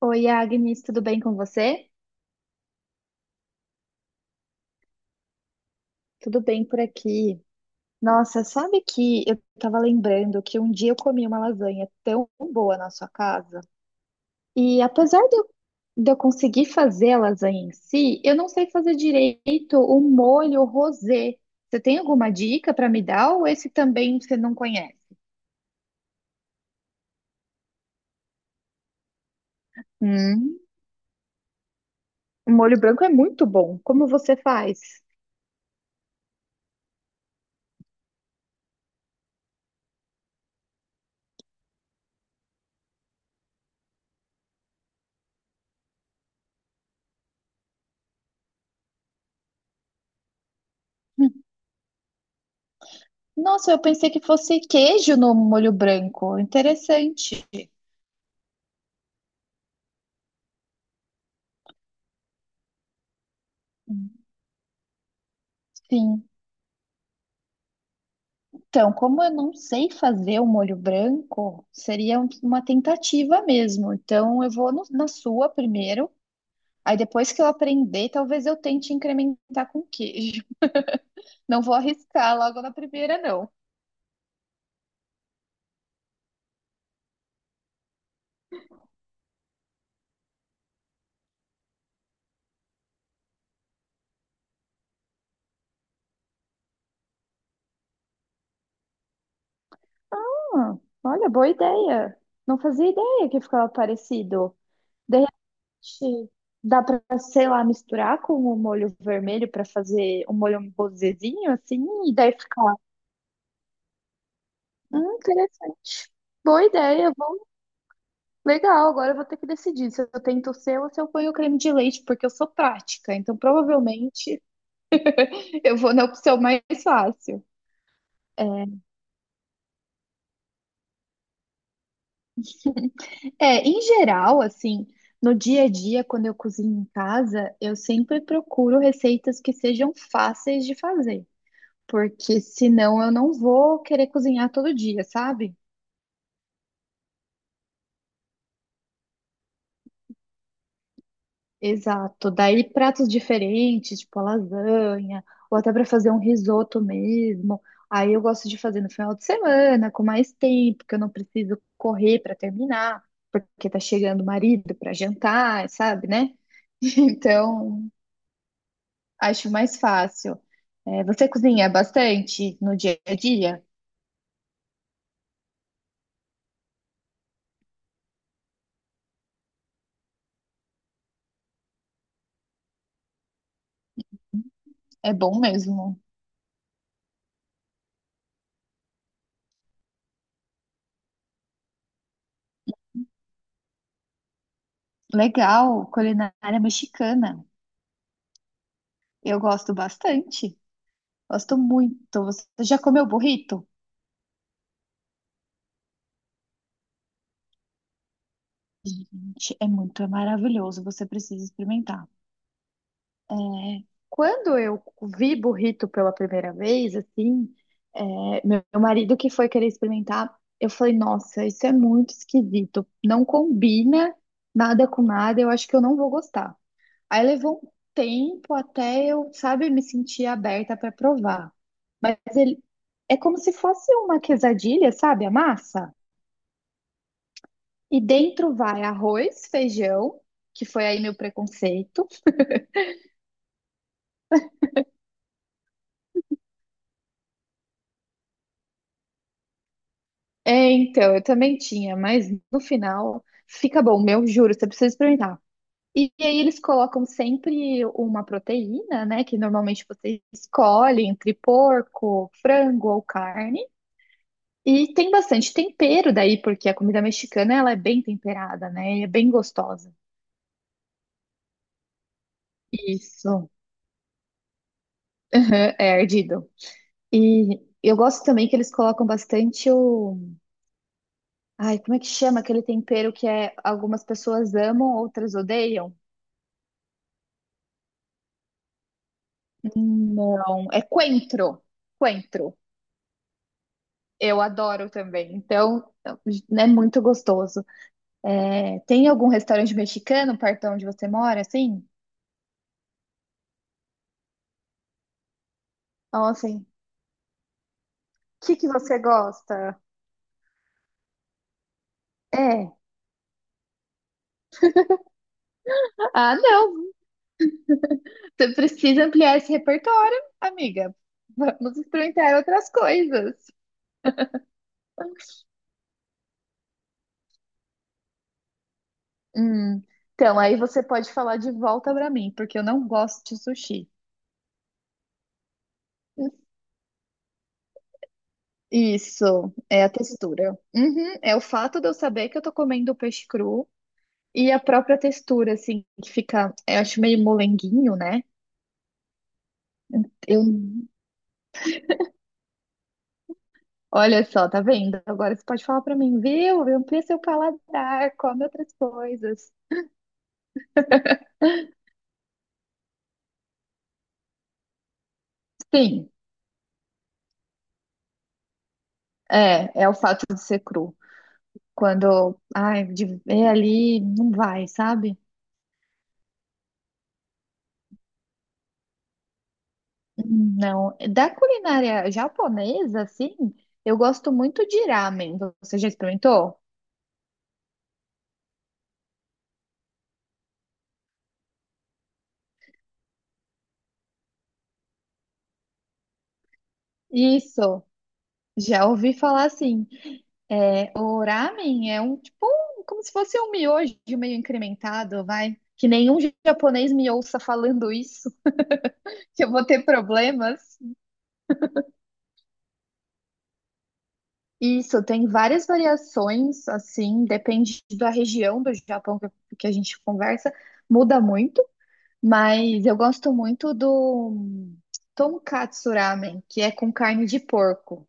Oi, Agnes, tudo bem com você? Tudo bem por aqui. Nossa, sabe que eu tava lembrando que um dia eu comi uma lasanha tão boa na sua casa. E apesar de eu conseguir fazer a lasanha em si, eu não sei fazer direito o molho rosé. Você tem alguma dica para me dar ou esse também você não conhece? Hum, o molho branco é muito bom. Como você faz? Nossa, eu pensei que fosse queijo no molho branco. Interessante. Sim. Então, como eu não sei fazer o molho branco, seria uma tentativa mesmo. Então, eu vou na sua primeiro. Aí, depois que eu aprender, talvez eu tente incrementar com queijo. Não vou arriscar logo na primeira, não. Ah, olha, boa ideia. Não fazia ideia que ficava parecido. De repente, dá para, sei lá, misturar com o molho vermelho para fazer um molho um rosézinho, assim, e daí fica. Interessante. Boa ideia. Legal, agora eu vou ter que decidir se eu tento o seu ou se eu ponho o creme de leite, porque eu sou prática, então provavelmente eu vou na opção mais fácil. É, é, em geral, assim, no dia a dia, quando eu cozinho em casa, eu sempre procuro receitas que sejam fáceis de fazer, porque senão eu não vou querer cozinhar todo dia, sabe? Exato. Daí pratos diferentes, tipo a lasanha, ou até para fazer um risoto mesmo. Aí eu gosto de fazer no final de semana, com mais tempo, que eu não preciso correr para terminar, porque tá chegando o marido para jantar, sabe, né? Então, acho mais fácil. É, você cozinha bastante no dia a dia? É bom mesmo. Legal, culinária mexicana. Eu gosto bastante. Gosto muito. Você já comeu burrito? Gente, é muito é maravilhoso, você precisa experimentar. É, quando eu vi burrito pela primeira vez, assim, é, meu marido que foi querer experimentar, eu falei, nossa, isso é muito esquisito, não combina nada com nada, eu acho que eu não vou gostar. Aí levou um tempo até eu, sabe, me sentir aberta para provar. Mas ele é como se fosse uma quesadilha, sabe, a massa? E dentro vai arroz, feijão, que foi aí meu preconceito. É, então, eu também tinha, mas no final fica bom, meu, juro, você precisa experimentar. E, aí eles colocam sempre uma proteína, né, que normalmente você escolhe entre porco, frango ou carne. E tem bastante tempero daí, porque a comida mexicana ela é bem temperada, né? E é bem gostosa. Isso. Aham, é ardido. E eu gosto também que eles colocam bastante o ai, como é que chama aquele tempero que é algumas pessoas amam, outras odeiam? Não, é coentro. Coentro. Eu adoro também. Então, é muito gostoso. É, tem algum restaurante mexicano perto de onde você mora, assim? Então, assim, o que que você gosta? É. Ah, não. Você precisa ampliar esse repertório, amiga. Vamos experimentar outras coisas. Hum, Então, aí você pode falar de volta pra mim, porque eu não gosto de sushi. Isso, é a textura. Uhum, é o fato de eu saber que eu tô comendo peixe cru e a própria textura, assim, que fica, eu acho meio molenguinho, né? Eu, olha só, tá vendo? Agora você pode falar pra mim, viu? Amplia seu paladar, come outras coisas. Sim, é o fato de ser cru. Quando, ai, de ver ali, não vai, sabe? Não, da culinária japonesa, assim, eu gosto muito de ramen. Você já experimentou? Isso. Já ouvi falar assim, é, o ramen é um tipo, como se fosse um miojo meio incrementado, vai. Que nenhum japonês me ouça falando isso, que eu vou ter problemas. Isso, tem várias variações, assim, depende da região do Japão que a gente conversa, muda muito, mas eu gosto muito do tonkatsu ramen, que é com carne de porco.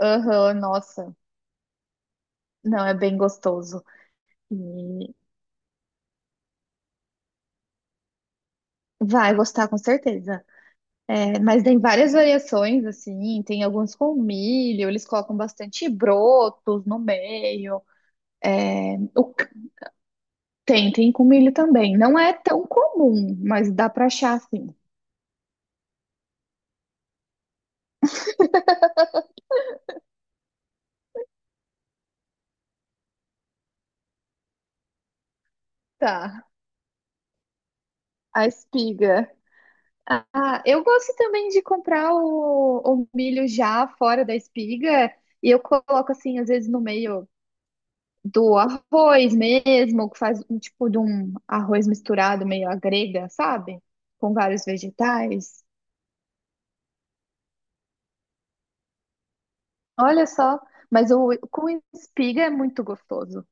Aham, nossa, não, é bem gostoso. E vai gostar com certeza. É, mas tem várias variações, assim, tem alguns com milho, eles colocam bastante brotos no meio. O c- tem, tem com milho também. Não é tão comum, mas dá pra achar, assim. Tá, a espiga. Ah, eu gosto também de comprar o milho já fora da espiga, e eu coloco, assim, às vezes no meio do arroz mesmo, que faz um tipo de um arroz misturado, meio à grega, sabe? Com vários vegetais. Olha só, mas o com espiga é muito gostoso.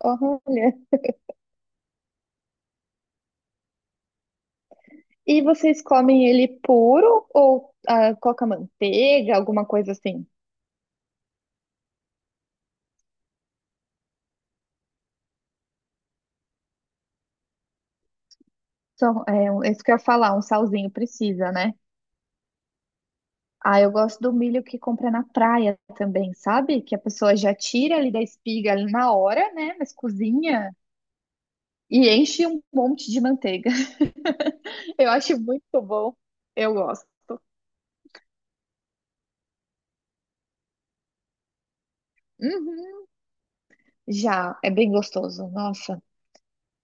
Olha. E vocês comem ele puro ou ah, coloca manteiga, alguma coisa assim? Então, é, isso que eu ia falar, um salzinho precisa, né? Ah, eu gosto do milho que compra na praia também, sabe? Que a pessoa já tira ali da espiga ali na hora, né? Mas cozinha e enche um monte de manteiga. Eu acho muito bom. Eu gosto. Uhum. Já, é bem gostoso. Nossa.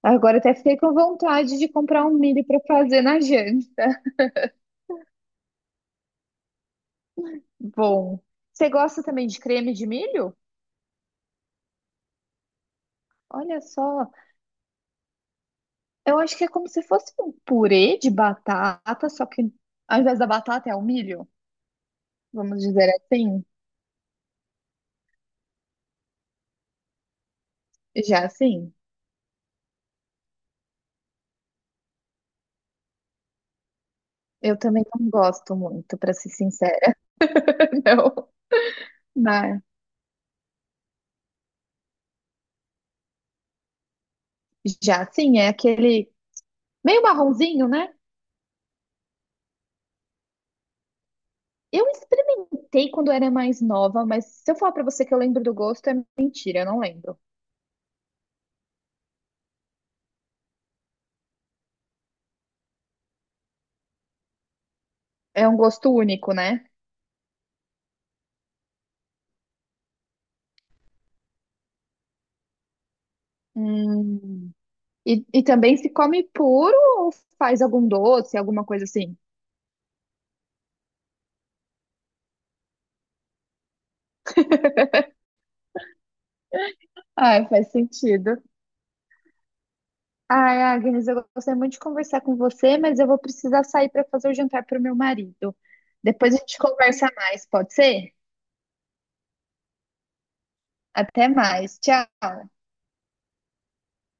Agora até fiquei com vontade de comprar um milho para fazer na janta. Bom, você gosta também de creme de milho? Olha só, eu acho que é como se fosse um purê de batata, só que ao invés da batata é o milho, vamos dizer assim, já assim. Eu também não gosto muito, para ser sincera, não. Mas já assim, é aquele meio marronzinho, né? Eu experimentei quando era mais nova, mas se eu falar para você que eu lembro do gosto, é mentira, eu não lembro. É um gosto único, né? Hum. E também se come puro ou faz algum doce, alguma coisa assim? Ai, faz sentido. Ai, Agnes, eu gostei muito de conversar com você, mas eu vou precisar sair para fazer o jantar para o meu marido. Depois a gente conversa mais, pode ser? Até mais. Tchau.